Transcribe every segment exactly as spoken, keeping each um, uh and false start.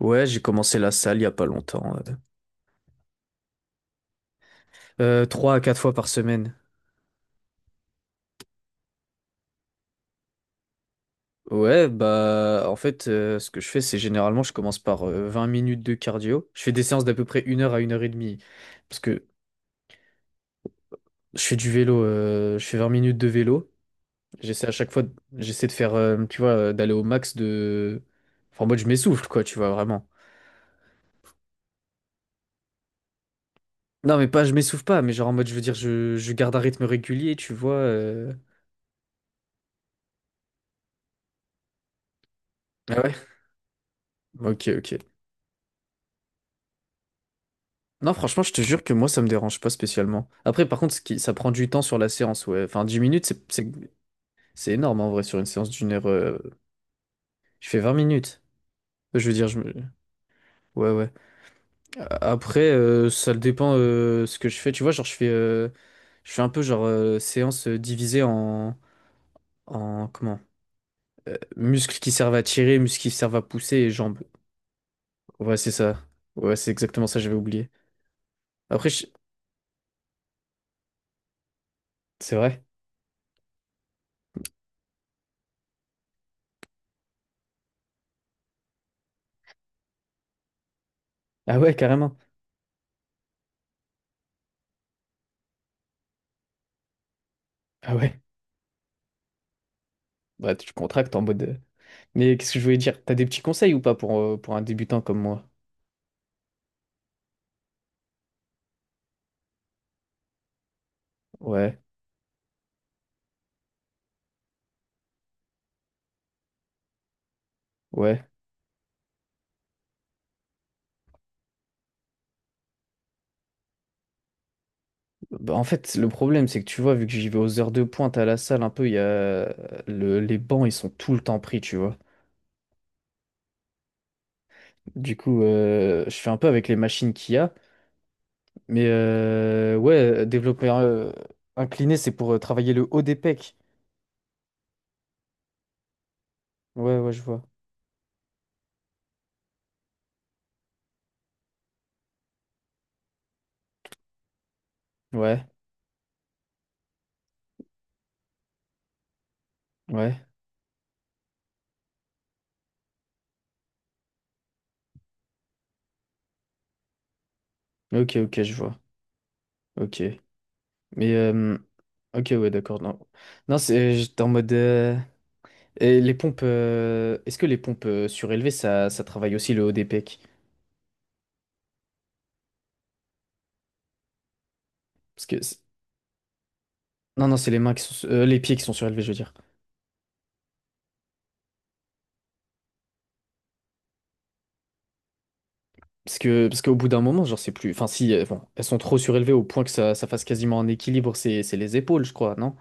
Ouais, j'ai commencé la salle il y a pas longtemps, ouais. Euh, trois à quatre fois par semaine. Ouais, bah en fait, euh, ce que je fais, c'est généralement, je commence par euh, vingt minutes de cardio. Je fais des séances d'à peu près une heure à une heure et demie. Parce que je fais du vélo, euh, je fais vingt minutes de vélo. J'essaie à chaque fois, de- j'essaie de faire, euh, tu vois, euh, d'aller au max de… Enfin, en mode, je m'essouffle, quoi, tu vois, vraiment. Non, mais pas, je m'essouffle pas, mais genre en mode, je veux dire, je, je garde un rythme régulier, tu vois, euh. Ah ouais? Ok, ok. Non, franchement, je te jure que moi, ça me dérange pas spécialement. Après, par contre, ce qui, ça prend du temps sur la séance, ouais. Enfin, dix minutes, c'est, c'est, c'est énorme en vrai sur une séance d'une heure. Euh, je fais vingt minutes. Je veux dire, je me… Ouais, ouais. A- Après, euh, ça dépend euh, ce que je fais. Tu vois, genre, je fais, euh, je fais un peu genre euh, séance euh, divisée en, en comment? Euh, muscles qui servent à tirer, muscles qui servent à pousser et jambes. Ouais, c'est ça. Ouais, c'est exactement ça, j'avais oublié. Après, je- c'est vrai. Ah ouais, carrément. Ah ouais. Bah, tu contractes en mode. euh, Mais qu'est-ce que je voulais dire? T'as des petits conseils ou pas pour, euh, pour un débutant comme moi? Ouais, ouais. Bah, en fait, le problème, c'est que tu vois, vu que j'y vais aux heures de pointe à la salle, un peu, il y a le- les bancs, ils sont tout le temps pris, tu vois. Du coup, euh, je fais un peu avec les machines qu'il y a. Mais euh, ouais, développer euh, incliné, c'est pour euh, travailler le haut des pecs. Ouais, ouais, je vois. Ouais, ouais. Ok, ok, je vois. Ok. Mais, euh, ok, ouais, d'accord. Non, non c'est, j'étais en mode. euh, Et les pompes, euh, est-ce que les pompes euh, surélevées, ça, ça travaille aussi le haut des pecs? Parce que c'est- non, non, c'est les mains qui sont, su- euh, les pieds qui sont surélevés, je veux dire. Parce que parce qu'au bout d'un moment, genre c'est plus, enfin si, euh, bon, elles sont trop surélevées au point que ça, ça fasse quasiment un équilibre, c'est c'est les épaules, je crois, non?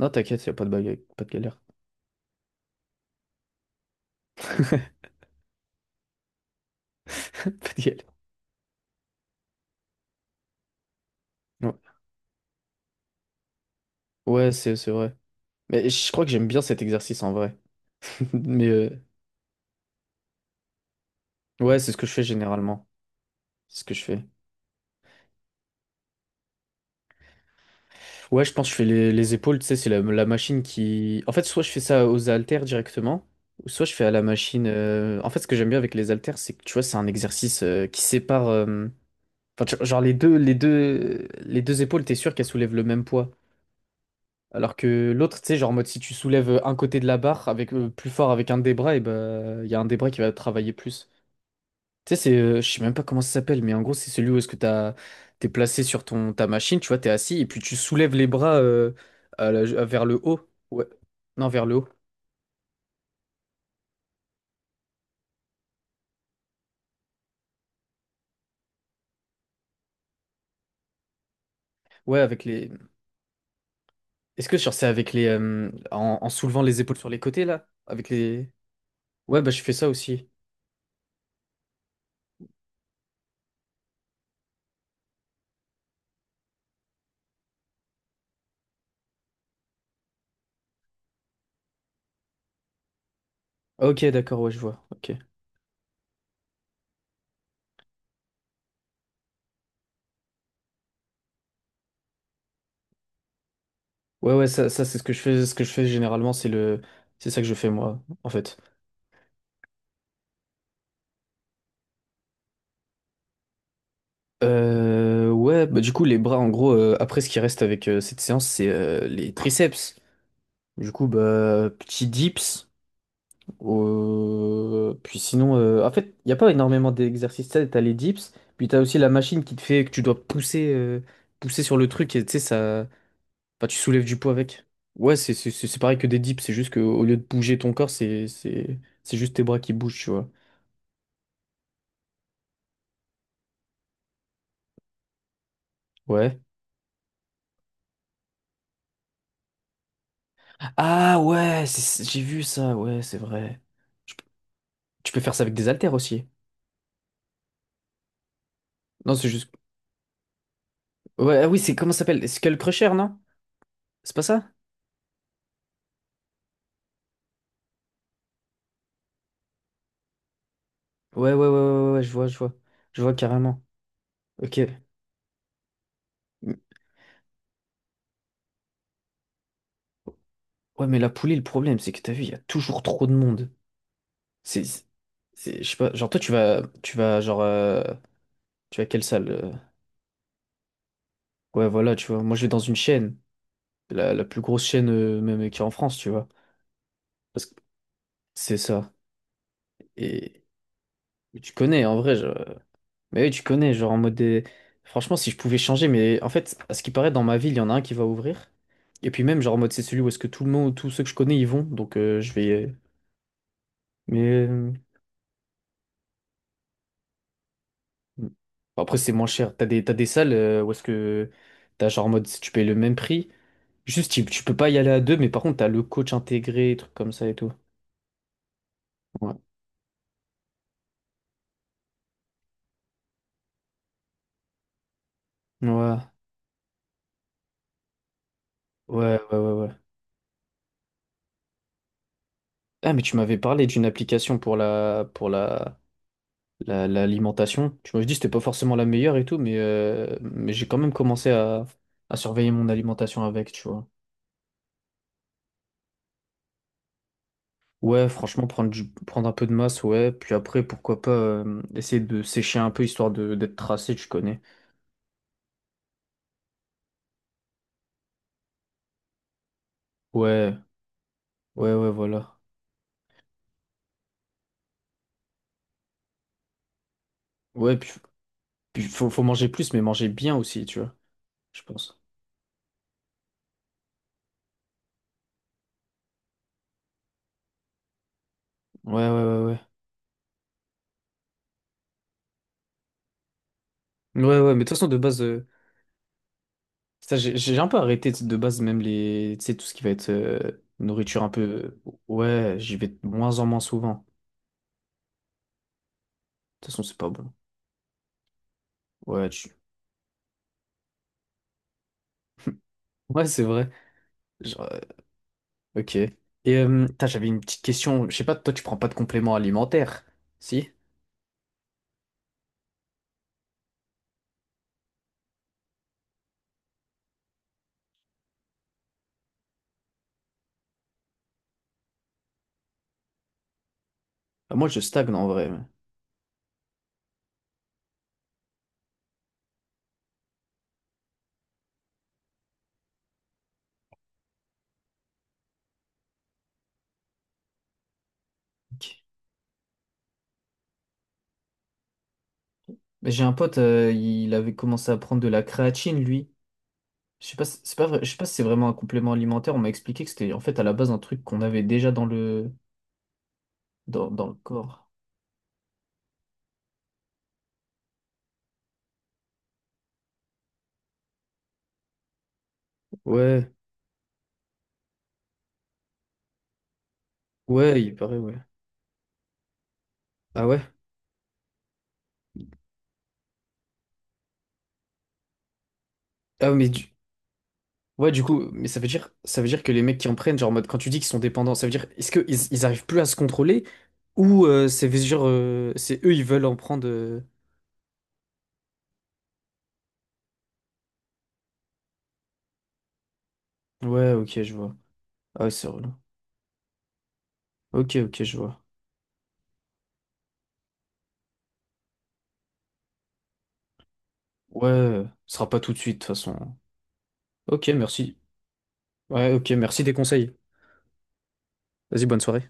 Non, t'inquiète, y a pas de bagarre, pas de galère, pas de galère. Ouais, Ouais, c'est c'est vrai. Mais je crois que j'aime bien cet exercice en vrai. Mais euh, ouais, c'est ce que je fais généralement, c'est ce que je fais. Ouais, je pense que je fais les, les épaules, tu sais, c'est la, la machine qui… En fait, soit je fais ça aux haltères directement, ou soit je fais à la machine… euh, En fait, ce que j'aime bien avec les haltères, c'est que, tu vois, c'est un exercice euh, qui sépare… euh, Enfin, tu- genre, les deux, les deux, les deux épaules, t'es sûr qu'elles soulèvent le même poids. Alors que l'autre, tu sais, genre, en mode, si tu soulèves un côté de la barre avec, euh, plus fort avec un des bras, et ben, il y a un des bras qui va travailler plus. Tu sais, c'est, euh, je sais même pas comment ça s'appelle, mais en gros, c'est celui où est-ce que t'as, t'es placé sur ton, ta machine, tu vois, t'es assis, et puis tu soulèves les bras euh, à la- vers le haut. Ouais. Non, vers le haut. Ouais, avec les. Est-ce que genre, c'est avec les. euh, en, en soulevant les épaules sur les côtés, là? Avec les. Ouais, bah, je fais ça aussi. Ah, ok, d'accord, ouais, je vois. Ok. Ouais, ouais, ça, ça c'est ce que je fais. Ce que je fais généralement, c'est le. C'est ça que je fais, moi, en fait. Euh, ouais, bah, du coup, les bras, en gros, euh, après, ce qui reste avec euh, cette séance, c'est euh, les triceps. Du coup, bah, petit dips. euh, Puis sinon, euh, en fait, il n'y a pas énormément d'exercices. Tu as les dips, puis tu as aussi la machine qui te fait que tu dois pousser, euh, pousser sur le truc et tu sais, ça… enfin, tu soulèves du poids avec. Ouais, c'est c'est- c'est- c'est pareil que des dips, c'est juste qu'au lieu de bouger ton corps, c'est c'est- c'est juste tes bras qui bougent, tu vois. Ouais. Ah ouais, c'est- j'ai vu ça, ouais, c'est vrai. Tu peux tu peux faire ça avec des haltères aussi. Non, c'est juste. Ouais, ah oui, c'est comment ça s'appelle? Skull Crusher, non? C'est pas ça? Ouais, ouais, ouais, ouais, ouais, ouais, je vois, je vois. Je vois carrément. Ok. M- Ouais, mais la poulie, le problème, c'est que t'as vu, il y a toujours trop de monde. C'est, c'est, je sais pas, genre toi, tu vas, tu vas, genre, euh, tu vas à quelle salle? Euh, ouais, voilà, tu vois. Moi, je vais dans une chaîne, la, la plus grosse chaîne, euh, même, euh, qui est en France, tu vois. Parce que c'est ça. Et et tu connais, en vrai, je- mais oui, tu connais, genre, en mode des… Franchement, si je pouvais changer, mais en fait, à ce qui paraît, dans ma ville, il y en a un qui va ouvrir. Et puis même, genre, en mode, c'est celui où est-ce que tout le monde, tous ceux que je connais, ils vont. Donc, euh, je vais. euh, Mais euh, bon, après, c'est moins cher. T'as des, t'as des salles euh, où est-ce que t'as genre en mode si tu payes le même prix. Juste, tu, tu peux pas y aller à deux, mais par contre, t'as le coach intégré, trucs comme ça et tout. Ouais. Ouais, ouais, ouais, ouais, ouais. Ah, mais tu m'avais parlé d'une application pour la, pour la, la- l'alimentation. Tu m'avais dit que c'était pas forcément la meilleure et tout, mais, euh, mais j'ai quand même commencé à, à surveiller mon alimentation avec, tu vois. Ouais, franchement, prendre du- prendre un peu de masse, ouais. Puis après, pourquoi pas euh, essayer de sécher un peu histoire de d'être tracé, tu connais. Ouais, ouais, ouais, voilà. Ouais, puis, puis faut, faut manger plus, mais manger bien aussi, tu vois, je pense. Ouais, ouais, ouais, ouais. Ouais, ouais, mais de toute façon, de base, euh, ça, j'ai j'ai un peu arrêté de de base, même les, tu sais, tout ce qui va être euh, nourriture un peu. Ouais, j'y vais de moins en moins souvent. De toute façon, c'est pas bon. Ouais, tu… ouais, c'est vrai. Ok. Et euh, putain, j'avais une petite question. Je sais pas, toi, tu prends pas de compléments alimentaires, si? Bah, moi, je stagne en vrai. mais- Ok. Mais j'ai un pote, euh, il avait commencé à prendre de la créatine, lui. Je sais pas, si- c'est pas vrai- je sais pas si c'est vraiment un complément alimentaire. On m'a expliqué que c'était en fait à la base un truc qu'on avait déjà dans le dans, dans le corps. Ouais, ouais, il paraît, ouais. Ah ouais? Ah mais du- Ouais, du coup, mais ça veut dire, ça veut dire que les mecs qui en prennent, genre, en mode, quand tu dis qu'ils sont dépendants, ça veut dire, est-ce qu'ils ils ils arrivent plus à se contrôler ou euh, c'est genre, euh, c'est eux, ils veulent en prendre. euh, Ouais, ok, je vois. Ah, ouais, c'est relou. Ok, ok, je vois. Ouais, ce sera pas tout de suite, de toute façon. Ok, merci. Ouais, ok, merci des conseils. Vas-y, bonne soirée.